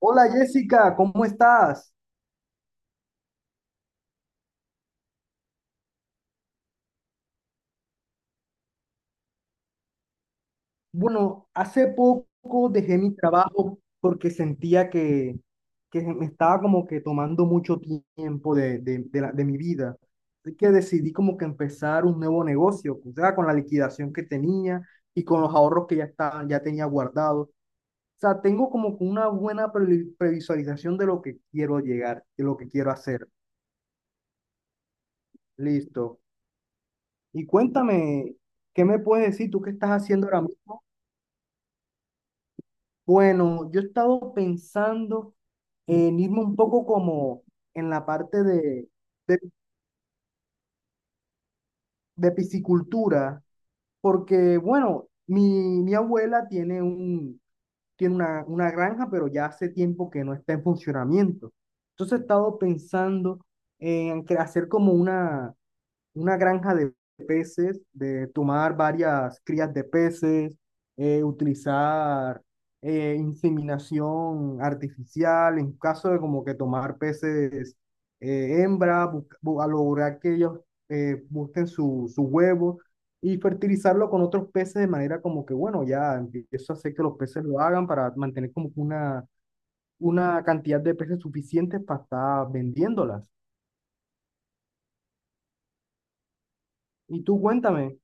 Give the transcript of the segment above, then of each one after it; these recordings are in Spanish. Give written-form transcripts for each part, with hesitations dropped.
Hola Jessica, ¿cómo estás? Bueno, hace poco dejé mi trabajo porque sentía que me estaba como que tomando mucho tiempo de mi vida. Así que decidí como que empezar un nuevo negocio, o sea, con la liquidación que tenía y con los ahorros que ya estaban, ya tenía guardados. O sea, tengo como que una buena previsualización de lo que quiero llegar, de lo que quiero hacer. Listo. Y cuéntame, ¿qué me puedes decir tú qué estás haciendo ahora mismo? Bueno, yo he estado pensando en irme un poco como en la parte de, de piscicultura, porque bueno, mi abuela tiene una granja, pero ya hace tiempo que no está en funcionamiento. Entonces he estado pensando en hacer como una granja de peces, de tomar varias crías de peces, utilizar inseminación artificial, en caso de como que tomar peces hembra, a lograr que ellos busquen su huevo y fertilizarlo con otros peces de manera como que, bueno, ya empiezo a hacer que los peces lo hagan para mantener como que una cantidad de peces suficientes para estar vendiéndolas. Y tú cuéntame,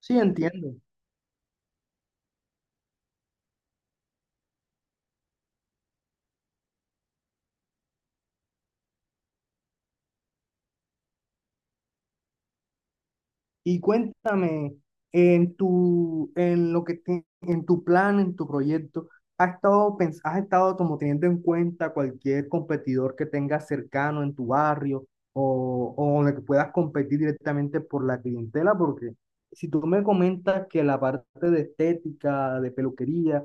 sí entiendo. Y cuéntame, en tu plan, en tu proyecto, has estado como teniendo en cuenta cualquier competidor que tengas cercano en tu barrio o con el que puedas competir directamente por la clientela? Porque si tú me comentas que la parte de estética, de peluquería,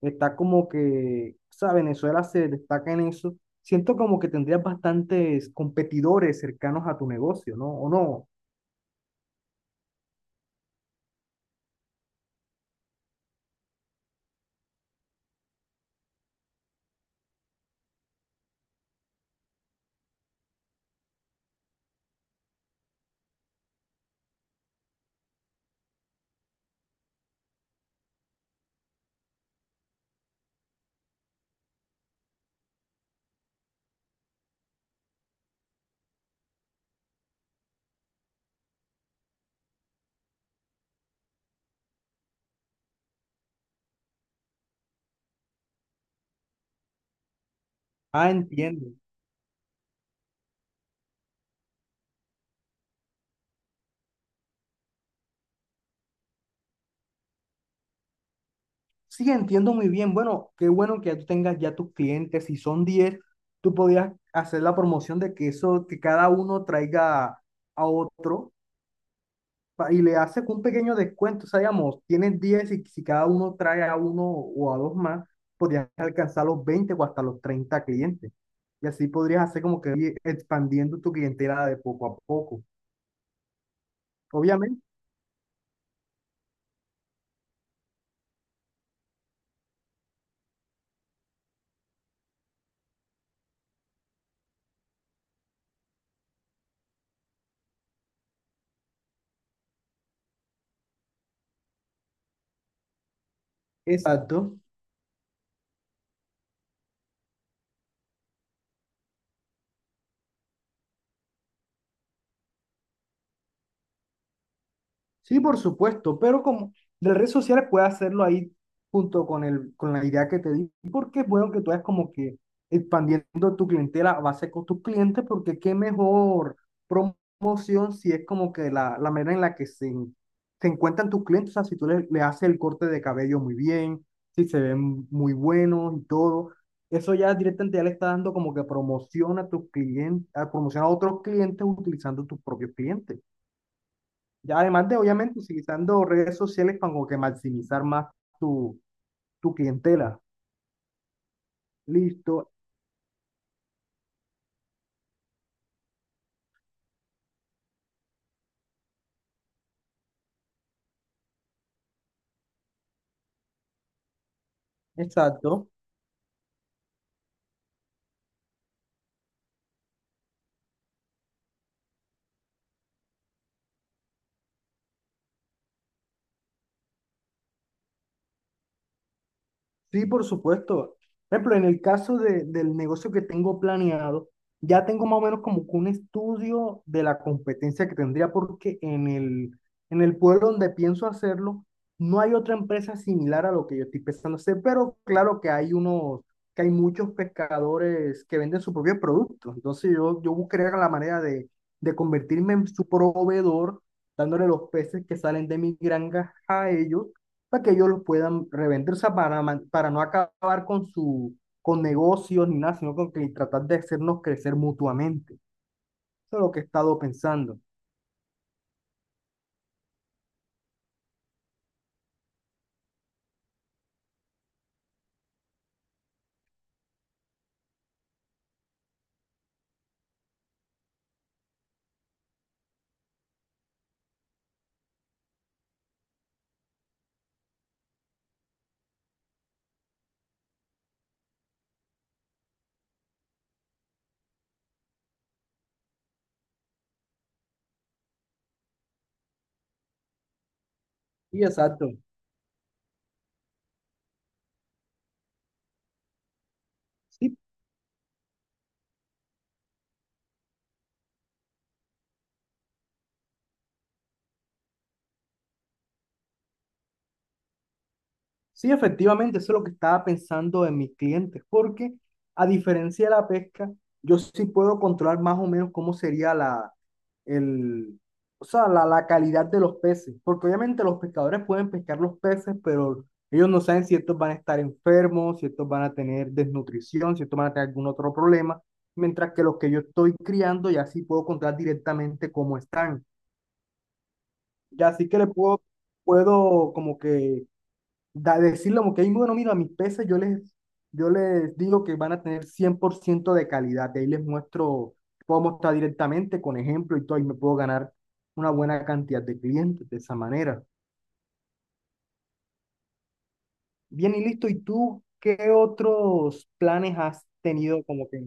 está como que, o sea, Venezuela se destaca en eso, siento como que tendrías bastantes competidores cercanos a tu negocio, ¿no? ¿O no? Ah, entiendo. Sí, entiendo muy bien. Bueno, qué bueno que ya tú tengas ya tus clientes. Si son 10. Tú podías hacer la promoción de que eso, que cada uno traiga a otro y le haces un pequeño descuento. O sea, digamos, tienes 10 y si cada uno trae a uno o a dos más, podrías alcanzar los 20 o hasta los 30 clientes. Y así podrías hacer como que ir expandiendo tu clientela de poco a poco. Obviamente. Exacto. Sí, por supuesto, pero como de las redes sociales puedes hacerlo ahí junto con la idea que te di, porque es bueno que tú es como que expandiendo tu clientela a base con tus clientes, porque qué mejor promoción si es como que la manera en la que se encuentran tus clientes, o sea, si tú le haces el corte de cabello muy bien, si se ven muy buenos y todo, eso ya directamente ya le está dando como que promoción a tus clientes, promoción a otros clientes utilizando tus propios clientes. Ya además de, obviamente, utilizando redes sociales para como que maximizar más tu, tu clientela. Listo, exacto. Sí, por supuesto. Por ejemplo, en el caso del negocio que tengo planeado, ya tengo más o menos como que un estudio de la competencia que tendría, porque en el pueblo donde pienso hacerlo, no hay otra empresa similar a lo que yo estoy pensando hacer, pero claro que hay muchos pescadores que venden sus propios productos. Entonces yo buscaría la manera de convertirme en su proveedor, dándole los peces que salen de mi granja a ellos para que ellos los puedan revender, o sea, para no acabar con su con negocios ni nada, sino con que tratar de hacernos crecer mutuamente. Eso es lo que he estado pensando. Y exacto. Sí, sí, efectivamente, eso es lo que estaba pensando en mis clientes, porque a diferencia de la pesca, yo sí puedo controlar más o menos cómo sería el, o sea, la calidad de los peces, porque obviamente los pescadores pueden pescar los peces, pero ellos no saben si estos van a estar enfermos, si estos van a tener desnutrición, si estos van a tener algún otro problema, mientras que los que yo estoy criando ya sí puedo controlar directamente cómo están, ya sí que le puedo como que decirle como que, "Ay, bueno, mira, mis peces yo les digo que van a tener 100% de calidad, de ahí les muestro, puedo mostrar directamente con ejemplo y todo, y me puedo ganar una buena cantidad de clientes de esa manera. Bien y listo, ¿y tú qué otros planes has tenido como que,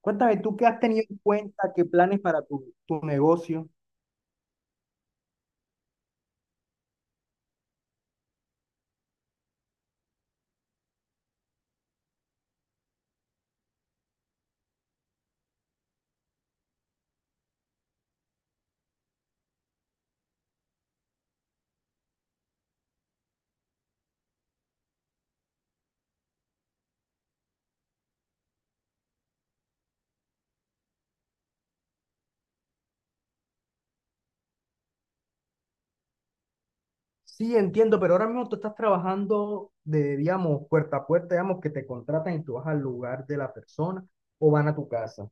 cuéntame tú qué has tenido en cuenta, qué planes para tu negocio? Sí, entiendo, pero ahora mismo tú estás trabajando de, digamos, puerta a puerta, digamos, que te contratan y tú vas al lugar de la persona o van a tu casa.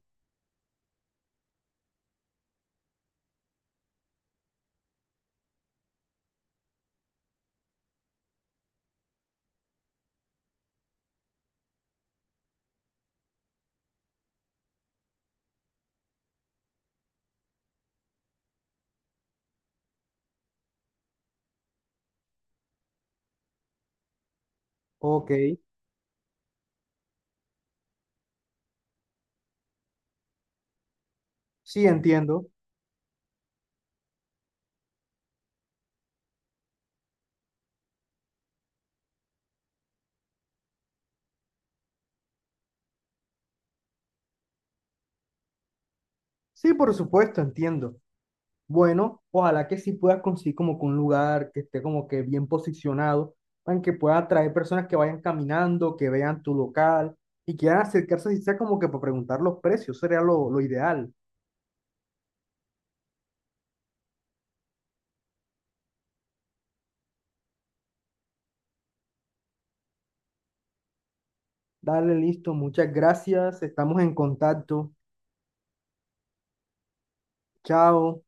Ok, sí, entiendo. Sí, por supuesto, entiendo. Bueno, ojalá que sí puedas conseguir como que un lugar que esté como que bien posicionado, para que pueda atraer personas que vayan caminando, que vean tu local y quieran acercarse, si sea como que para preguntar los precios, sería lo ideal. Dale, listo, muchas gracias, estamos en contacto. Chao.